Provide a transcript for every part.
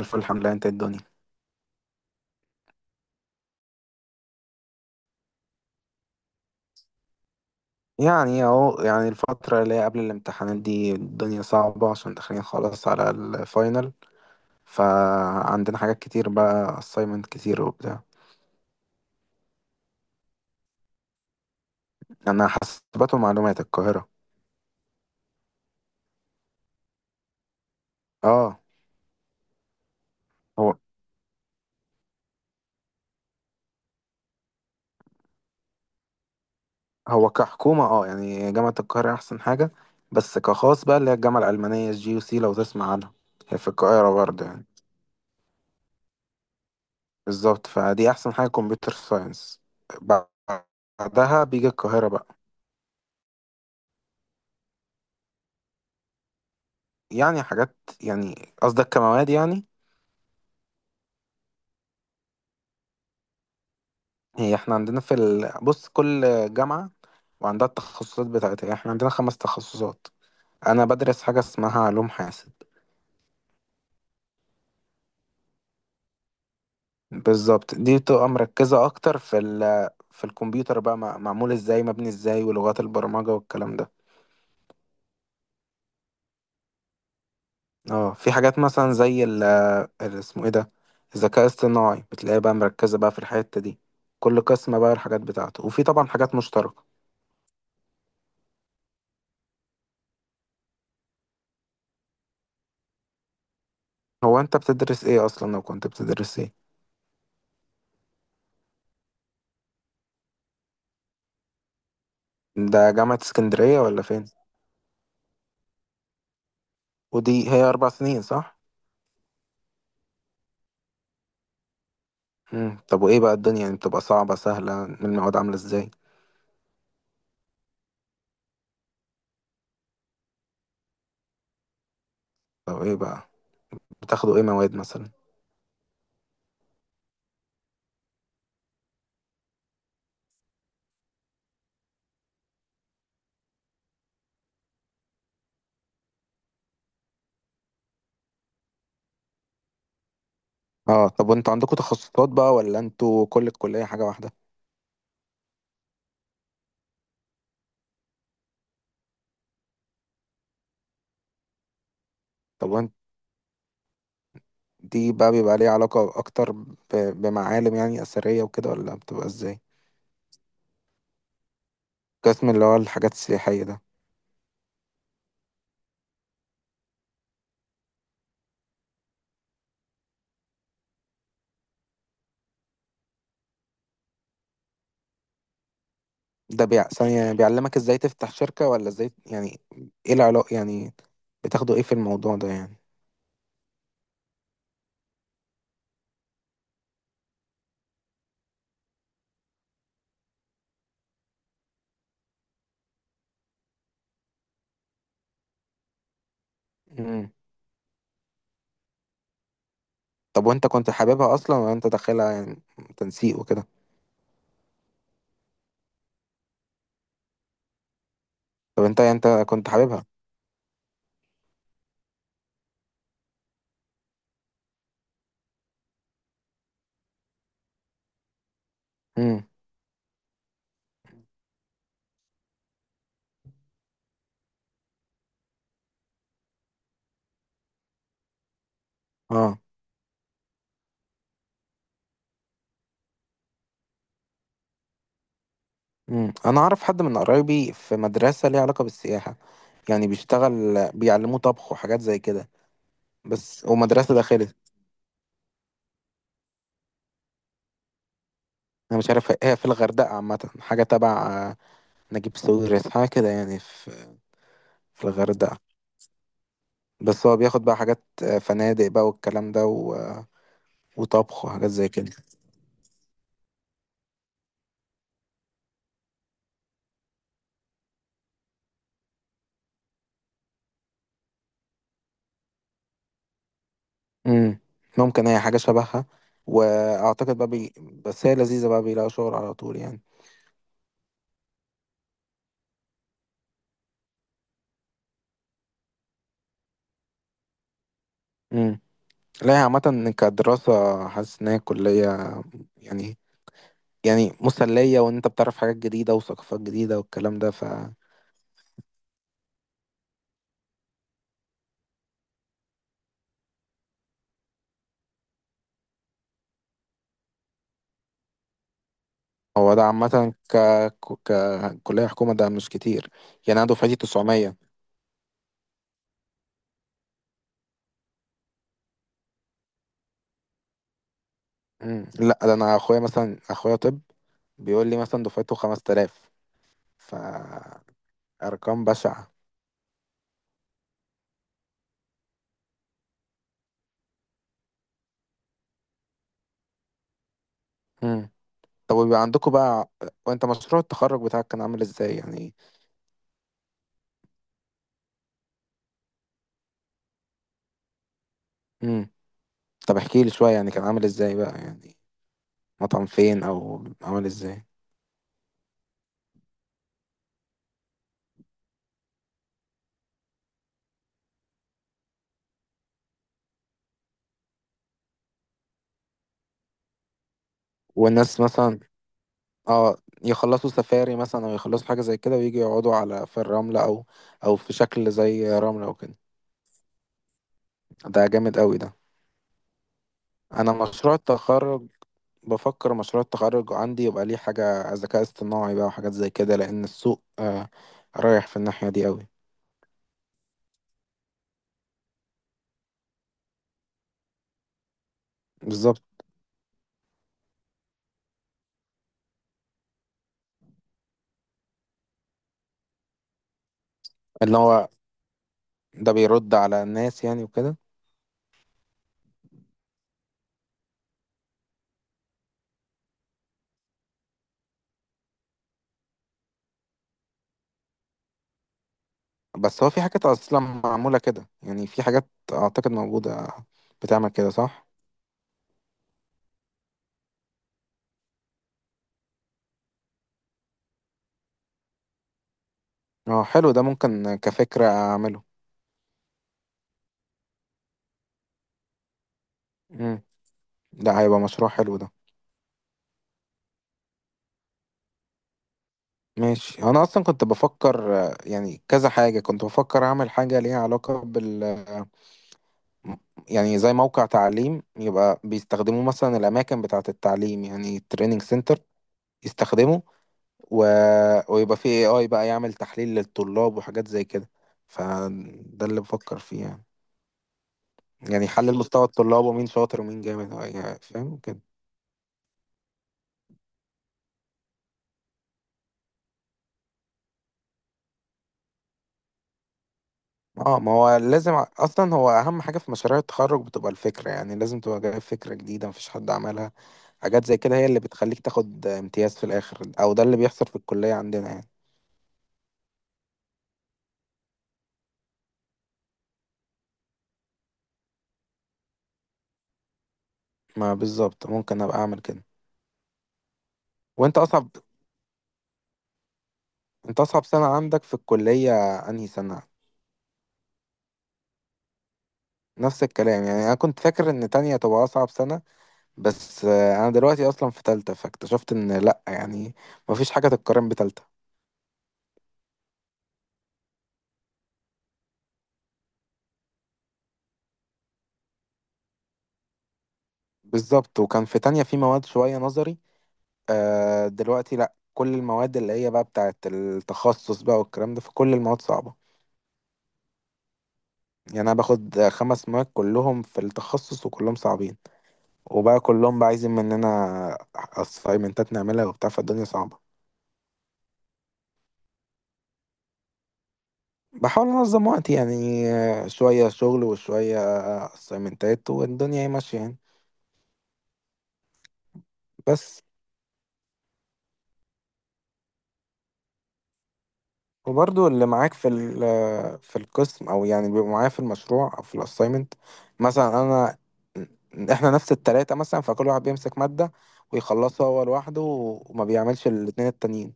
الف الحمد لله، انت الدنيا. يعني إيه اهو، يعني الفترة اللي هي قبل الامتحانات دي الدنيا صعبة عشان داخلين خلاص على الفاينل. فعندنا حاجات كتير بقى assignment كتير وبتاع. انا حاسبات ومعلومات القاهرة. اه، هو هو كحكومة اه يعني جامعة القاهرة احسن حاجة. بس كخاص بقى اللي هي الجامعة الألمانية الجي يو سي لو تسمع عنها. هي في القاهرة برضه يعني. بالظبط، فدي احسن حاجة كمبيوتر ساينس. بعدها بيجي القاهرة بقى. يعني حاجات، يعني، قصدك كمواد يعني. هي احنا عندنا في بص، كل جامعة وعندها التخصصات بتاعتها، احنا عندنا خمس تخصصات. انا بدرس حاجة اسمها علوم حاسب. بالظبط، دي بتبقى مركزة اكتر في في الكمبيوتر بقى، معمول ازاي، مبني ازاي، ولغات البرمجة والكلام ده. اه، في حاجات مثلا زي اسمه ايه ده، الذكاء الاصطناعي، بتلاقيها بقى مركزة بقى في الحتة دي. كل قسم بقى الحاجات بتاعته، وفي طبعا حاجات مشتركة. هو انت بتدرس ايه اصلا، لو كنت بتدرس ايه؟ ده جامعة اسكندرية ولا فين؟ ودي هي 4 سنين صح؟ مم. طب وإيه بقى الدنيا، يعني بتبقى صعبة سهلة، المواد عاملة إزاي؟ طب إيه بقى، بتاخدوا إيه مواد مثلا؟ آه، طب وأنتوا عندكم تخصصات بقى ولا أنتوا كل الكلية حاجة واحدة؟ طب وأنت، دي بقى بيبقى ليها علاقة أكتر بمعالم يعني أثرية وكده ولا بتبقى إزاي؟ قسم اللي هو الحاجات السياحية ده. ثانية، بيعلمك إزاي تفتح شركة ولا إزاي يعني، إيه العلاقة يعني، بتاخدوا إيه في الموضوع ده يعني؟ مم. طب وأنت كنت حاببها أصلا ولا أنت داخلها يعني تنسيق وكده؟ طب، انت كنت حاببها. امم اه، انا اعرف حد من قرايبي في مدرسة ليها علاقة بالسياحة، يعني بيشتغل. بيعلموه طبخ وحاجات زي كده، بس ومدرسة داخلت. انا مش عارف، هي في الغردقة عامة حاجة تبع نجيب ساويرس، حاجة كده يعني، في الغردقة. بس هو بياخد بقى حاجات فنادق بقى والكلام ده و... آه، وطبخ وحاجات زي كده. امم، ممكن هي حاجة شبهها، واعتقد بقى بس هي لذيذة بقى بيلاقوا شغل على طول يعني. لا، هي عامة كدراسة حاسس إن هي كلية يعني، يعني مسلية، وإن أنت بتعرف حاجات جديدة وثقافات جديدة والكلام ده فهو. ده عامة كلية حكومة، ده مش كتير يعني، أنا دفعتي 900. مم. لا، ده أنا أخويا مثلا، أخويا طب بيقول لي مثلا دفعته 5000. فأرقام بشعة. مم. طب ويبقى عندكم بقى، وأنت مشروع التخرج بتاعك كان عامل إزاي يعني؟ مم. طب احكي لي شوية يعني كان عامل إزاي بقى يعني، مطعم فين أو عامل إزاي؟ والناس مثلا، اه، يخلصوا سفاري مثلا او يخلصوا حاجة زي كده ويجي يقعدوا على في الرملة او في شكل زي رملة وكده. ده جامد قوي ده. انا مشروع التخرج، بفكر مشروع التخرج عندي يبقى ليه حاجة ذكاء اصطناعي بقى وحاجات زي كده، لان السوق رايح في الناحية دي قوي. بالظبط، اللي هو ده بيرد على الناس يعني وكده. بس هو في حاجات اصلا معمولة كده يعني، في حاجات اعتقد موجودة بتعمل كده صح؟ اه حلو ده، ممكن كفكرة اعمله. لا، هيبقى مشروع حلو ده. ماشي، انا اصلا كنت بفكر يعني كذا حاجه كنت بفكر اعمل حاجه ليها علاقه م- يعني زي موقع تعليم يبقى بيستخدموه مثلا الاماكن بتاعه التعليم، يعني التريننج سنتر يستخدمه، و... ويبقى فيه AI بقى يعمل تحليل للطلاب وحاجات زي كده، فده اللي بفكر فيه يعني. يعني يحلل مستوى الطلاب ومين شاطر ومين جامد، يعني فاهم كده. اه، ما هو لازم اصلا هو اهم حاجه في مشاريع التخرج بتبقى الفكره يعني، لازم تبقى جايب فكره جديده مفيش حد عملها. حاجات زي كده هي اللي بتخليك تاخد امتياز في الاخر، او ده اللي بيحصل في الكليه عندنا يعني. ما بالظبط، ممكن ابقى اعمل كده. وانت اصعب انت اصعب سنه عندك في الكليه انهي سنه؟ نفس الكلام يعني، انا كنت فاكر ان تانية تبقى اصعب سنه، بس انا دلوقتي اصلا في تالتة فاكتشفت ان لا يعني، مفيش حاجه تتقارن بتالتة. بالظبط، وكان في تانية في مواد شويه نظري، دلوقتي لا، كل المواد اللي هي بقى بتاعت التخصص بقى والكلام ده، فكل المواد صعبة يعني. أنا باخد خمس مواد كلهم في التخصص وكلهم صعبين، وبقى كلهم بقى عايزين مننا أسايمنتات نعملها وبتاع، فالدنيا صعبة. بحاول أنظم وقتي يعني، آه، شوية شغل وشوية أسايمنتات والدنيا هي ماشية يعني. بس، وبرضو اللي معاك في في القسم او يعني بيبقوا معايا في المشروع او في الاساينمنت، مثلا احنا نفس التلاتة مثلا، فكل واحد بيمسك مادة ويخلصها هو لوحده وما بيعملش الاتنين التانيين.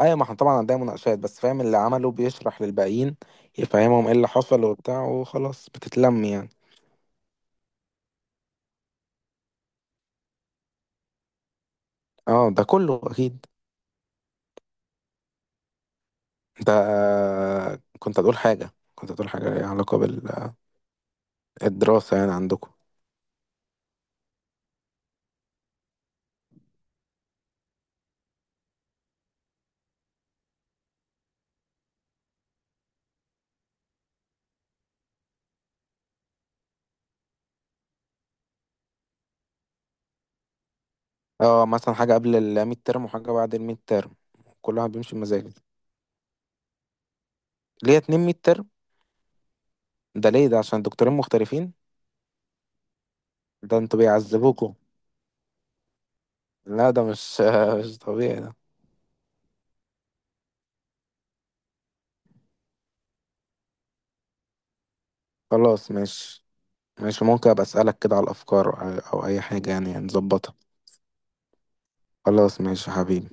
ايوه، ما احنا طبعا عندنا مناقشات، بس فاهم اللي عمله بيشرح للباقيين يفهمهم ايه اللي حصل وبتاع وخلاص بتتلم يعني. اه، ده كله اكيد. انت كنت هتقول حاجة، كنت هتقول حاجة ليها علاقة بالدراسة يعني عندكم. اه مثلا حاجة قبل الميد ترم وحاجة بعد الميد ترم، كل واحد بيمشي بمزاجه. ليه اتنين ميد ترم؟ ده ليه؟ ده عشان دكتورين مختلفين؟ ده انتوا بيعذبوكوا. لا ده مش مش طبيعي ده. خلاص ماشي، ماشي ممكن ابقى اسألك كده على الافكار او أو اي حاجة يعني نظبطها. خلاص ماشي يا حبيبي.